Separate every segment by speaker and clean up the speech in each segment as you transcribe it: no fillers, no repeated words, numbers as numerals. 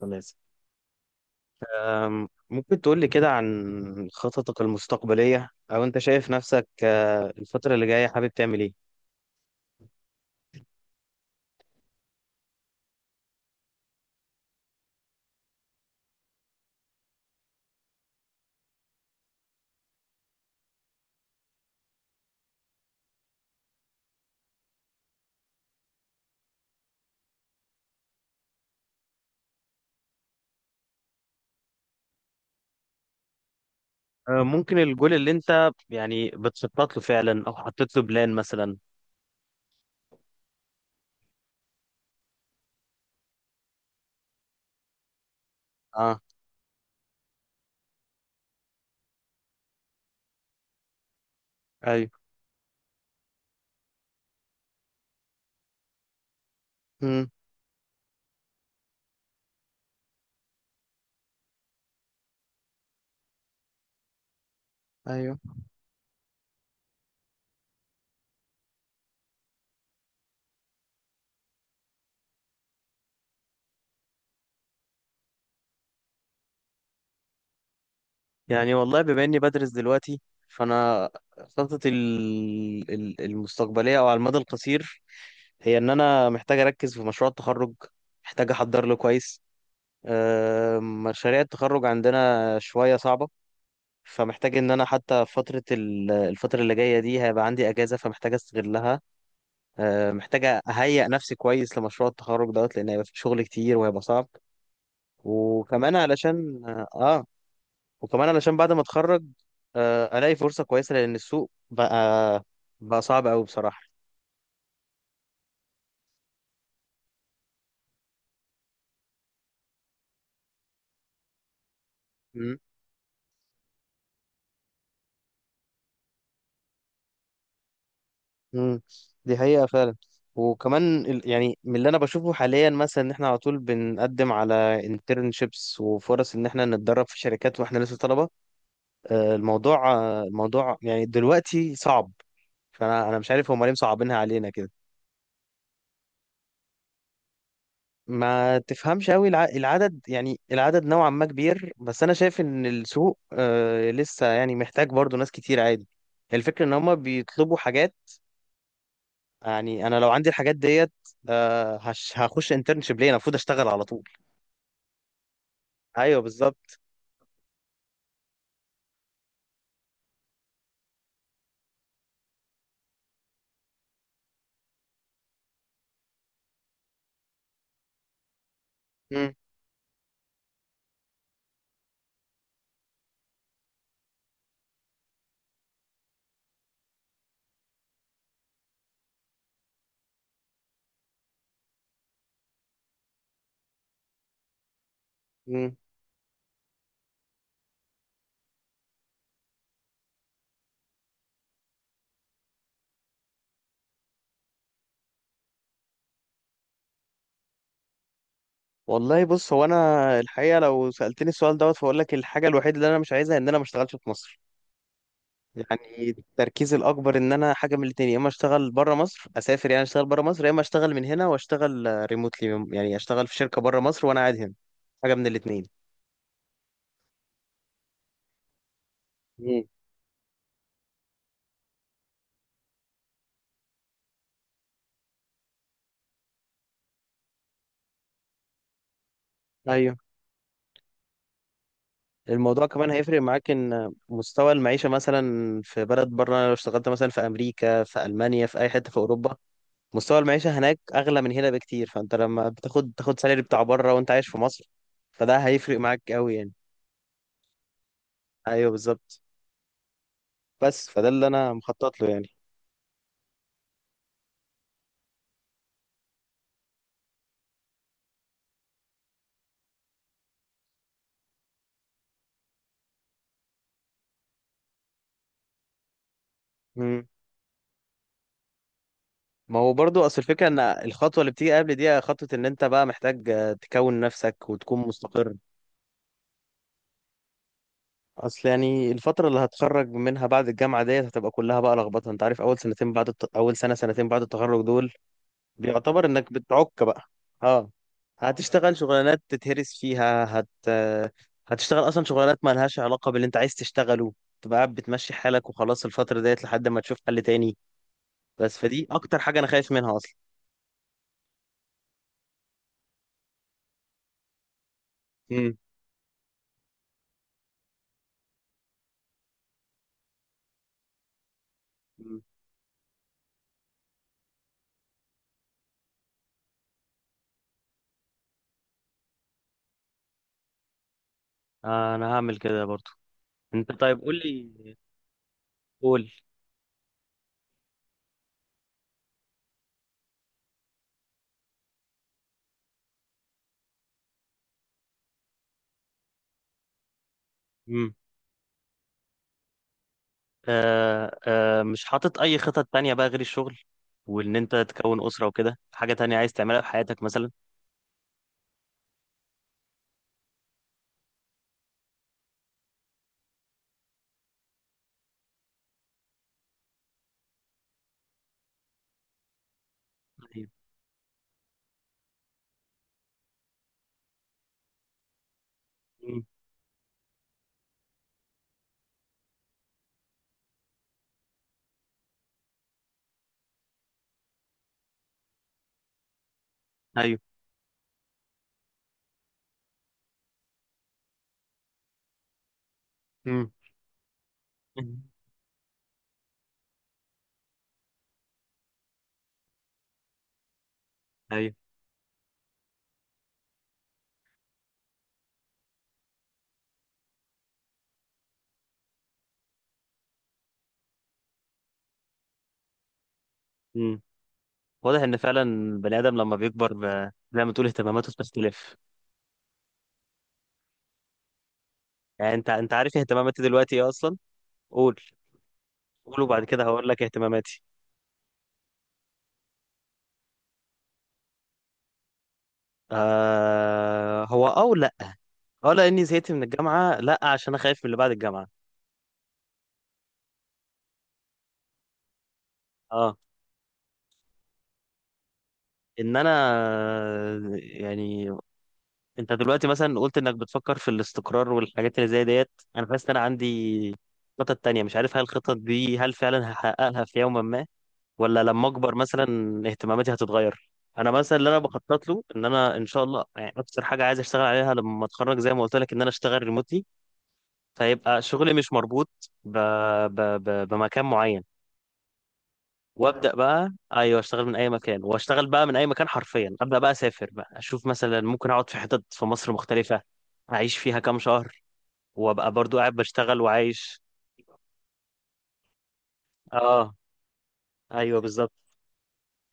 Speaker 1: خلاص. ممكن تقول لي كده عن خططك المستقبلية، أو أنت شايف نفسك الفترة اللي جاية، حابب تعمل إيه؟ ممكن الجول اللي أنت يعني بتخطط له فعلا، أو حطيت له بلان مثلا؟ أه. أيوه. مم. أيوه. يعني والله، بما إني بدرس دلوقتي، فأنا خططي المستقبلية أو على المدى القصير هي إن أنا محتاج أركز في مشروع التخرج، محتاج أحضر له كويس. مشاريع التخرج عندنا شوية صعبة، فمحتاج ان انا حتى فترة الفترة اللي جاية دي هيبقى عندي اجازة، فمحتاج استغلها. محتاج اهيئ نفسي كويس لمشروع التخرج دوت، لان هيبقى في شغل كتير وهيبقى صعب. وكمان علشان اه آه، وكمان علشان بعد ما اتخرج الاقي فرصة كويسة، لان السوق بقى صعب قوي بصراحة. مم. مم. دي حقيقة فعلا. وكمان يعني من اللي انا بشوفه حاليا، مثلا ان احنا على طول بنقدم على انترنشيبس وفرص ان احنا نتدرب في شركات واحنا لسه طلبة. الموضوع يعني دلوقتي صعب. فانا مش عارف هم ليه مصعبينها علينا كده. ما تفهمش قوي العدد. يعني العدد نوعا ما كبير، بس انا شايف ان السوق لسه يعني محتاج برضو ناس كتير عادي. الفكرة ان هم بيطلبوا حاجات. يعني انا لو عندي الحاجات ديت، هخش انترنشيب ليه؟ أنا المفروض اشتغل على طول. ايوه، بالظبط. مم. مم. والله بص، هو انا الحقيقه، لو سالتني السؤال دوت، فاقول لك الحاجه الوحيده اللي انا مش عايزها ان انا ما اشتغلش في مصر. يعني التركيز الاكبر ان انا حاجه من الاتنين، يا اما اشتغل بره مصر، اسافر، يعني اشتغل بره مصر، يا اما اشتغل من هنا واشتغل ريموتلي، يعني اشتغل في شركه بره مصر وانا قاعد هنا. حاجه من الاتنين. مم. ايوه. الموضوع كمان هيفرق معاك ان مستوى المعيشه مثلا في بلد بره، لو اشتغلت مثلا في امريكا، في المانيا، في اي حته في اوروبا، مستوى المعيشه هناك اغلى من هنا بكتير، فانت لما تاخد سالري بتاع بره وانت عايش في مصر، فده هيفرق معاك قوي يعني. ايوه بالظبط. بس فده اللي انا مخطط له. يعني ما هو برضو، اصل الفكره ان الخطوه اللي بتيجي قبل دي، خطوه ان انت بقى محتاج تكون نفسك وتكون مستقر. اصل يعني الفتره اللي هتخرج منها بعد الجامعه ديت هتبقى كلها بقى لخبطه. انت عارف اول سنه سنتين بعد التخرج دول بيعتبر انك بتعك بقى. اه. هتشتغل شغلانات تتهرس فيها هت آه، هتشتغل اصلا شغلانات ما لهاش علاقه باللي انت عايز تشتغله. تبقى قاعد بتمشي حالك وخلاص الفتره ديت لحد ما تشوف حل تاني. بس فدي اكتر حاجه انا خايف منها اصلا. مم. انا هعمل كده برضو. انت طيب قول لي. قول. امم مش حاطط اي خطط تانية بقى غير الشغل، وان انت تكون اسرة وكده؟ حاجة تانية عايز تعملها في حياتك مثلا؟ ايوه. مم. ايوه. مم. مم. ايوه. مم. واضح ان فعلا البني ادم لما بيكبر زي ما تقول اهتماماته بتختلف. يعني انت عارف اهتماماتي دلوقتي ايه اصلا؟ قول قول وبعد كده هقول لك اهتماماتي. آه هو او لا. اه، لاني زهقت من الجامعة. لا، عشان انا خايف من اللي بعد الجامعة. اه. ان انا يعني، انت دلوقتي مثلا قلت انك بتفكر في الاستقرار والحاجات اللي زي ديت، انا حاسس ان انا عندي خطط تانية. مش عارف هل الخطط دي هل فعلا هحققها في يوم ما، ولا لما اكبر مثلا اهتماماتي هتتغير. انا مثلا اللي انا بخطط له ان انا ان شاء الله، يعني اكتر حاجه عايز اشتغل عليها لما اتخرج، زي ما قلت لك، ان انا اشتغل ريموتلي، فيبقى شغلي مش مربوط ب... بمكان معين. وابدا بقى. ايوه، اشتغل من اي مكان، واشتغل بقى من اي مكان حرفيا. ابدا بقى اسافر بقى، اشوف مثلا، ممكن اقعد في حتت في مصر مختلفه، اعيش فيها كام شهر، وابقى برضو قاعد بشتغل وعايش. اه. ايوه بالظبط.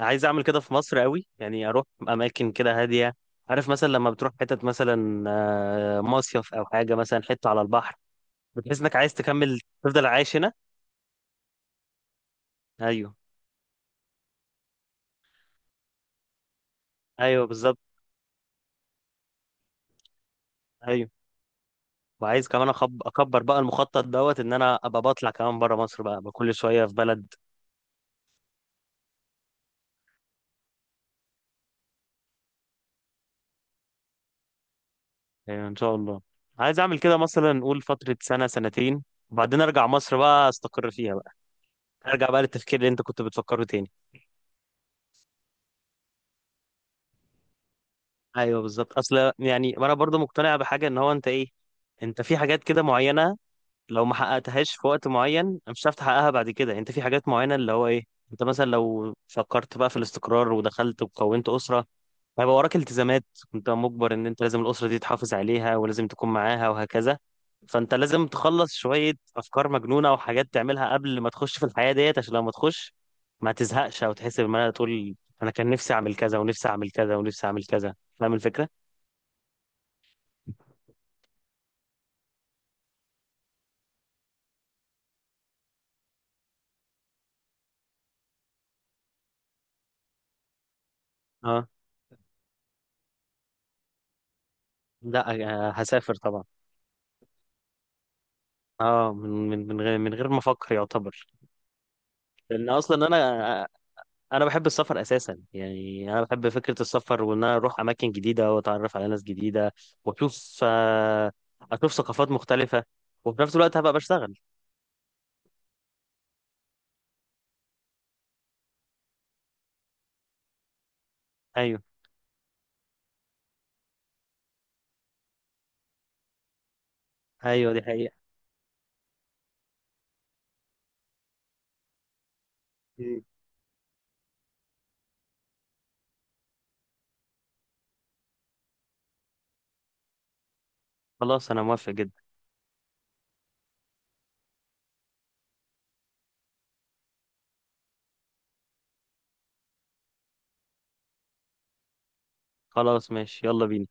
Speaker 1: عايز اعمل كده في مصر قوي يعني، اروح اماكن كده هاديه. عارف مثلا لما بتروح حتت مثلا مصيف او حاجه، مثلا حته على البحر، بتحس انك عايز تكمل تفضل عايش هنا. ايوه. ايوه بالظبط. ايوه. وعايز كمان اكبر بقى المخطط دوت، ان انا ابقى بطلع كمان بره مصر بقى، أبقى كل شويه في بلد. ايوه ان شاء الله. عايز اعمل كده، مثلا نقول فترة سنة سنتين، وبعدين ارجع مصر بقى، استقر فيها بقى، ارجع بقى للتفكير اللي انت كنت بتفكره تاني. ايوه بالظبط. اصل يعني انا برضو مقتنع بحاجة، ان هو انت ايه، انت في حاجات كده معينة لو ما حققتهاش في وقت معين مش هتعرف تحققها بعد كده. انت في حاجات معينة اللي هو ايه، انت مثلا لو فكرت بقى في الاستقرار ودخلت وكونت أسرة، هيبقى وراك التزامات، انت مجبر ان انت لازم الاسره دي تحافظ عليها، ولازم تكون معاها وهكذا. فانت لازم تخلص شويه افكار مجنونه وحاجات تعملها قبل ما تخش في الحياه ديت، عشان لما تخش ما تزهقش او تحس ان انا تقول انا كان نفسي اعمل كذا، ونفسي اعمل كذا، ونفسي اعمل كذا. فاهم الفكره. اه، لا، هسافر طبعا. اه، من غير ما افكر يعتبر. لان اصلا انا بحب السفر اساسا يعني. انا بحب فكره السفر، وان انا اروح اماكن جديده، واتعرف على ناس جديده، واشوف آه، اشوف ثقافات مختلفه، وفي نفس الوقت هبقى بشتغل. ايوه. ايوه دي حقيقه. مم. خلاص انا موافق جدا. خلاص ماشي، يلا بينا.